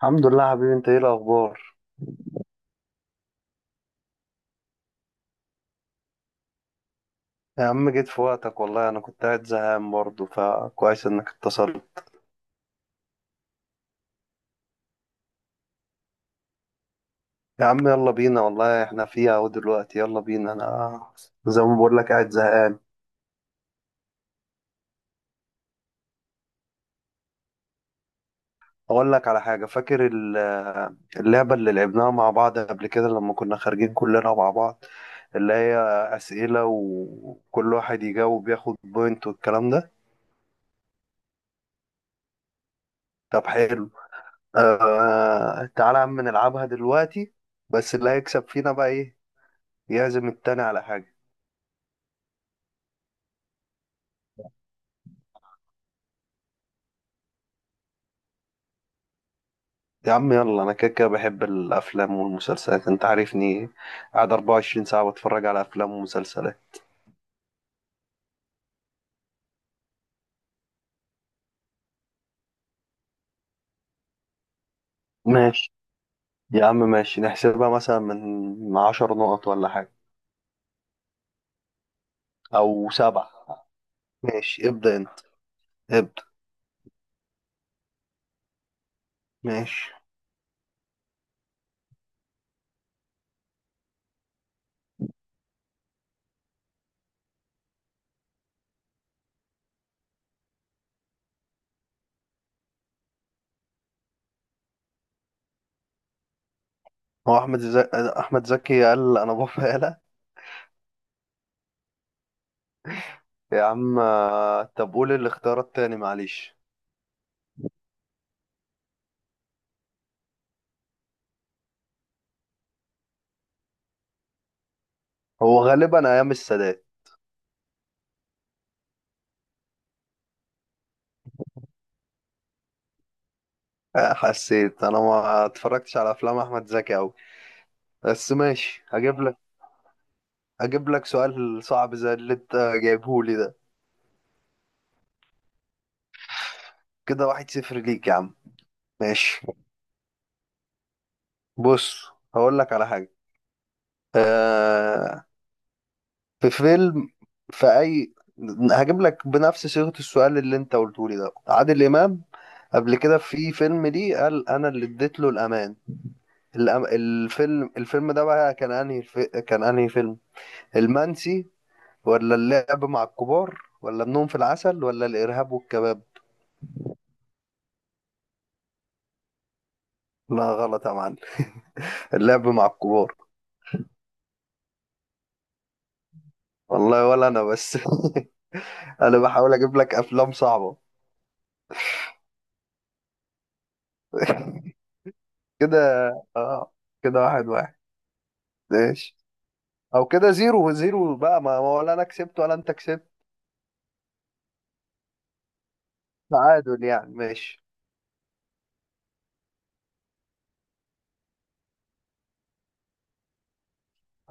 الحمد لله، يا حبيبي، انت ايه الاخبار؟ يا عم، جيت في وقتك والله. انا كنت قاعد زهقان برضه، فكويس انك اتصلت. يا عم يلا بينا والله، احنا فيها اهو دلوقتي. يلا بينا، انا زي ما بقول لك قاعد زهقان. اقول لك على حاجه، فاكر اللعبه اللي لعبناها مع بعض قبل كده لما كنا خارجين كلنا مع بعض؟ اللي هي اسئله، وكل واحد يجاوب ياخد بوينت والكلام ده. طب حلو. آه، تعالى يا عم نلعبها دلوقتي. بس اللي هيكسب فينا بقى ايه؟ يعزم التاني على حاجه. يا عم يلا، انا كده كده بحب الافلام والمسلسلات، انت عارفني قاعد 24 ساعة بتفرج على افلام ومسلسلات. ماشي. يا عم ماشي، نحسبها مثلا من 10 نقط ولا حاجة؟ او سبعة. ماشي، ابدأ انت. ابدأ. ماشي. هو احمد زكي قال انا بفعلها؟ يا عم، طب قول الاختيار التاني، معلش. هو غالبا ايام السادات. حسيت انا ما اتفرجتش على افلام احمد زكي اوي. بس ماشي، هجيب لك اجيب لك سؤال صعب زي اللي انت جايبه لي ده. كده واحد صفر ليك يا عم. ماشي، بص هقول لك على حاجة. آه، في فيلم. في اي هجيب لك بنفس صيغة السؤال اللي انت قلته لي ده. عادل امام قبل كده في فيلم ليه قال انا اللي اديت له الامان. الفيلم ده بقى كان انهي فيلم؟ المنسي، ولا اللعب مع الكبار، ولا النوم في العسل، ولا الارهاب والكباب؟ لا، غلط يا معلم. اللعب مع الكبار. والله ولا انا، بس انا بحاول اجيب لك افلام صعبة. كده. اه، كده واحد واحد. ماشي. او كده زيرو زيرو بقى، ما ولا انا كسبت ولا انت كسبت. تعادل يعني. ماشي.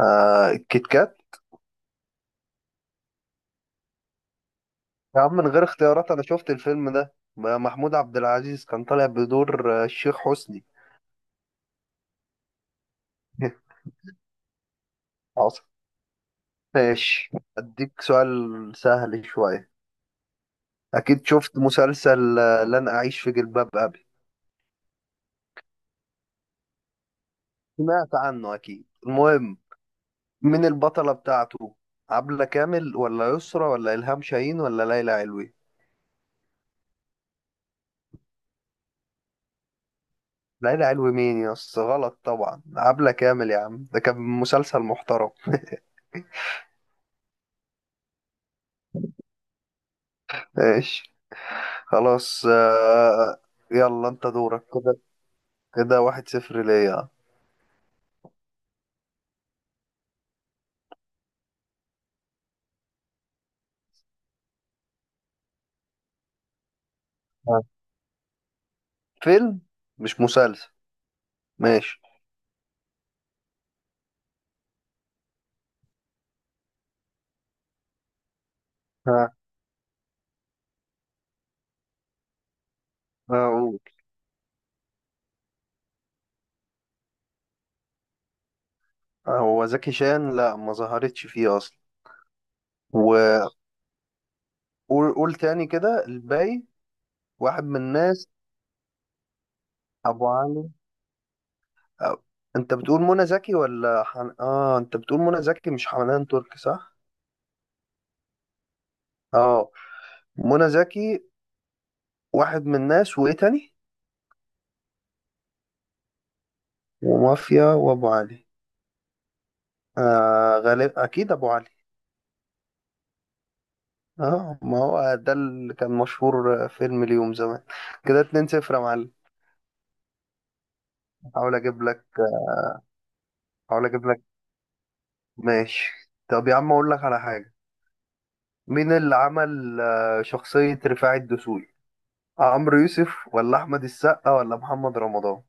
آه، الكيت كات. يا عم من غير اختيارات، انا شفت الفيلم ده، محمود عبد العزيز كان طالع بدور الشيخ حسني. حصل. ماشي، اديك سؤال سهل شوية. اكيد شفت مسلسل لن اعيش في جلباب ابي؟ سمعت عنه اكيد. المهم، مين البطلة بتاعته؟ عبلة كامل، ولا يسرا، ولا إلهام شاهين، ولا ليلى علوي؟ ليلى علوي مين يا اسطى؟ غلط طبعا، عبلة كامل يا عم، ده كان مسلسل محترم. ماشي. خلاص، يلا انت دورك. كده كده واحد صفر ليا. ها. فيلم، مش مسلسل. ماشي. ها، أقول. هو زكي شان؟ لا، ما ظهرتش فيه اصلا. وقول تاني كده الباقي. واحد من الناس، ابو علي. آه، انت بتقول منى زكي ولا حن... اه انت بتقول منى زكي، مش حنان ترك، صح؟ اه، منى زكي. واحد من الناس، وايه تاني؟ ومافيا وابو علي. غالب اكيد ابو علي. اه، ما هو ده اللي كان مشهور، فيلم اليوم زمان. كده 2-0 يا معلم. حاول اجيب لك حاول اجيب لك. ماشي. طب يا عم اقول لك على حاجه، مين اللي عمل شخصيه رفاعي الدسوقي؟ عمرو يوسف، ولا احمد السقا، ولا محمد رمضان؟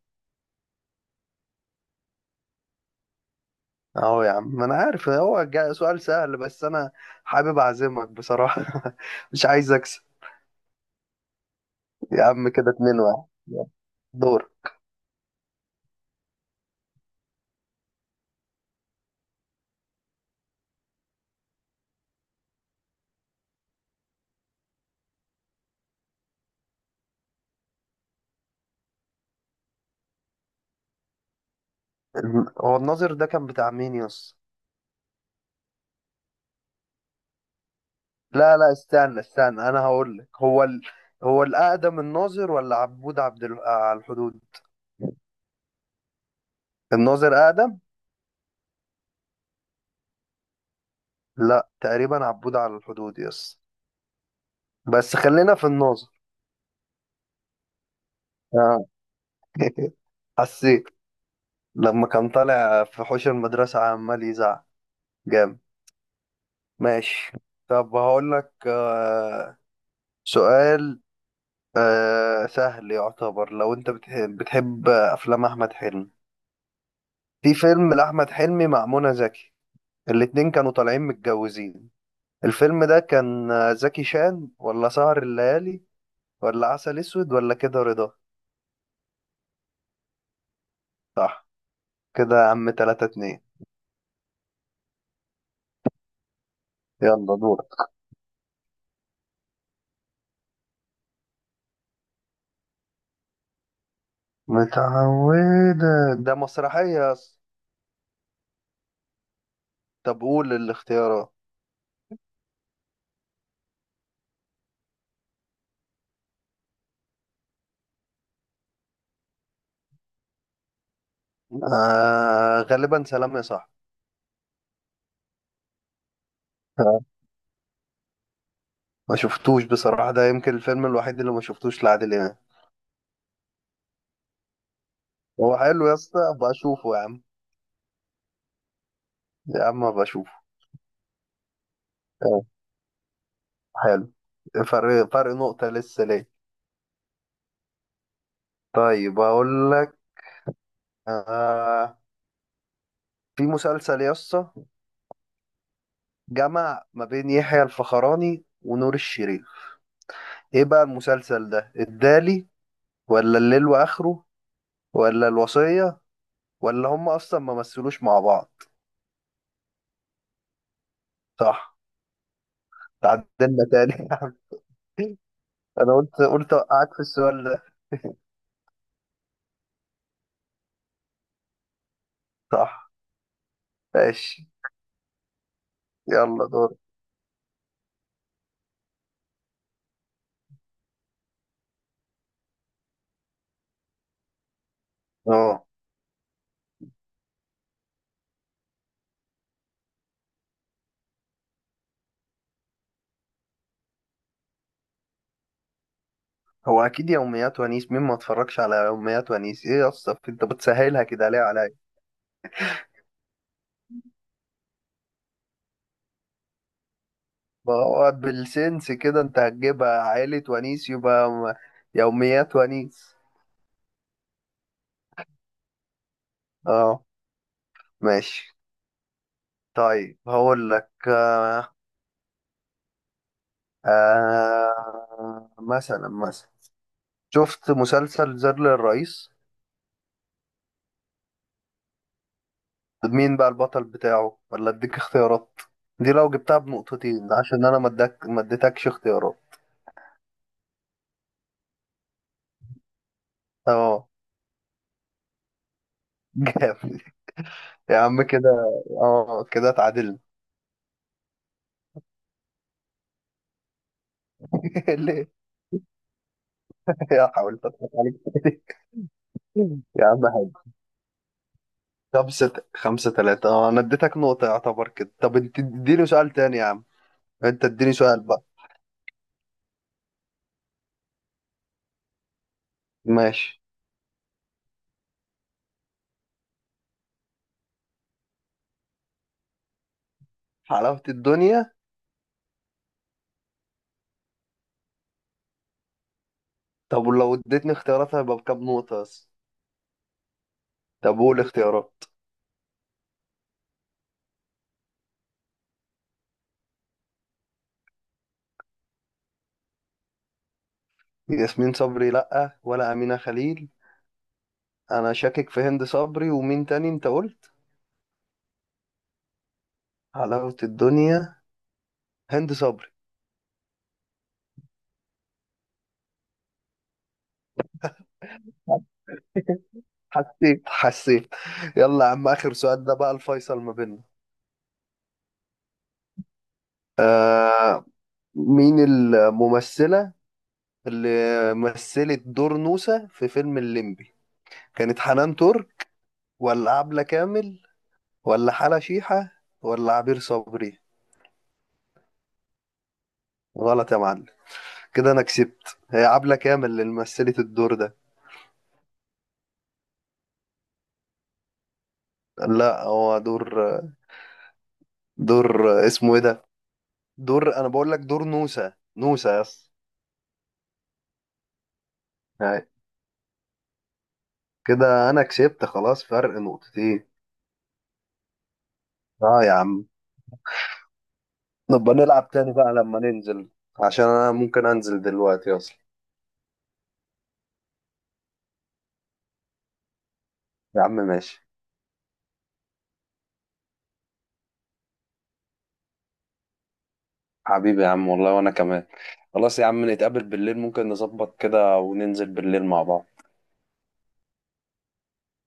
اهو يا عم، ما انا عارف هو سؤال سهل، بس انا حابب اعزمك بصراحة. مش عايز اكسب. يا عم كده اتنين واحد، يلا، دور. هو الناظر ده كان بتاع مين، يس؟ لا لا، استنى استنى، انا هقول لك. هو الاقدم، الناظر ولا عبود عبد ال... آه، على الحدود؟ الناظر اقدم. لا، تقريبا عبود على الحدود يس. بس خلينا في الناظر. اه. حسيت لما كان طالع في حوش المدرسة عمال يزعق. جامد. ماشي. طب هقول لك سؤال سهل يعتبر، لو انت بتحب افلام احمد حلمي. في فيلم لاحمد حلمي مع منى زكي، الاتنين كانوا طالعين متجوزين. الفيلم ده كان زكي شان، ولا سهر الليالي، ولا عسل اسود، ولا كده رضا؟ صح. كده يا عم تلاتة اتنين. يلا دورك. متعودة؟ ده مسرحية يا اسطى. طب قول الاختيارات. غالبا سلام يا صاحبي. ما شفتوش بصراحة، ده يمكن الفيلم الوحيد اللي ما شفتوش لعادل إمام. هو حلو يا اسطى؟ أبقى أشوفه يا عم. يا عم أبقى أشوفه. آه، حلو. فرق نقطة لسه ليه. طيب أقول لك. آه في مسلسل يا اسطى جمع ما بين يحيى الفخراني ونور الشريف، إيه بقى المسلسل ده؟ الدالي، ولا الليل وآخره، ولا الوصية، ولا هم أصلا ما مثلوش مع بعض؟ صح، تعدلنا تاني. يا عم. أنا قلت أوقعك في السؤال ده. صح. ماشي. يلا دور. اه، هو اكيد يوميات ونيس. مين ما اتفرجش على يوميات ونيس؟ ايه يا اسطى، انت بتسهلها كده ليه عليا؟ ما هو بالسنس كده، انت هتجيبها عائلة ونيس يبقى يوميات ونيس. اه. ماشي. طيب هقول لك، مثلا شفت مسلسل زر للرئيس. مين بقى البطل بتاعه، ولا اديك اختيارات؟ دي لو جبتها بنقطتين، عشان انا ما اديتكش اختيارات. اه. جامد. يا عم كده، اه كده اتعادلنا. ليه؟ يا، حاولت اضحك عليك تاني. يا عم حاج. خمسة خمسة تلاتة. اه، انا اديتك نقطة يعتبر كده. طب انت اديني سؤال تاني يا عم. انت اديني سؤال بقى. ماشي. حلاوة الدنيا؟ طب ولو اديتني اختيارات، هيبقى بكام نقطة بس؟ طب قول اختيارات. ياسمين صبري لأ، ولا أمينة خليل. أنا شاكك في هند صبري، ومين تاني أنت قلت؟ حلاوة الدنيا، هند صبري. حسيت. يلا يا عم، آخر سؤال ده بقى الفيصل ما بيننا. آه مين الممثلة اللي مثلت دور نوسة في فيلم الليمبي؟ كانت حنان ترك، ولا عبلة كامل، ولا حلا شيحة، ولا عبير صبري؟ غلط يا معلم. كده أنا كسبت، هي عبلة كامل اللي مثلت الدور ده. لا، هو دور، دور اسمه إيه ده. دور أنا بقول لك، دور نوسة، نوسة يس. يعني كده أنا كسبت خلاص، فرق نقطتين. اه يا عم. نبقى نلعب تاني بقى لما ننزل، عشان انا ممكن انزل دلوقتي اصلا. يا عم ماشي. حبيبي يا عم والله، وانا كمان. خلاص يا عم، نتقابل بالليل، ممكن نظبط كده وننزل بالليل مع بعض.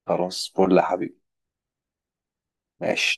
خلاص فل يا حبيبي. ماشي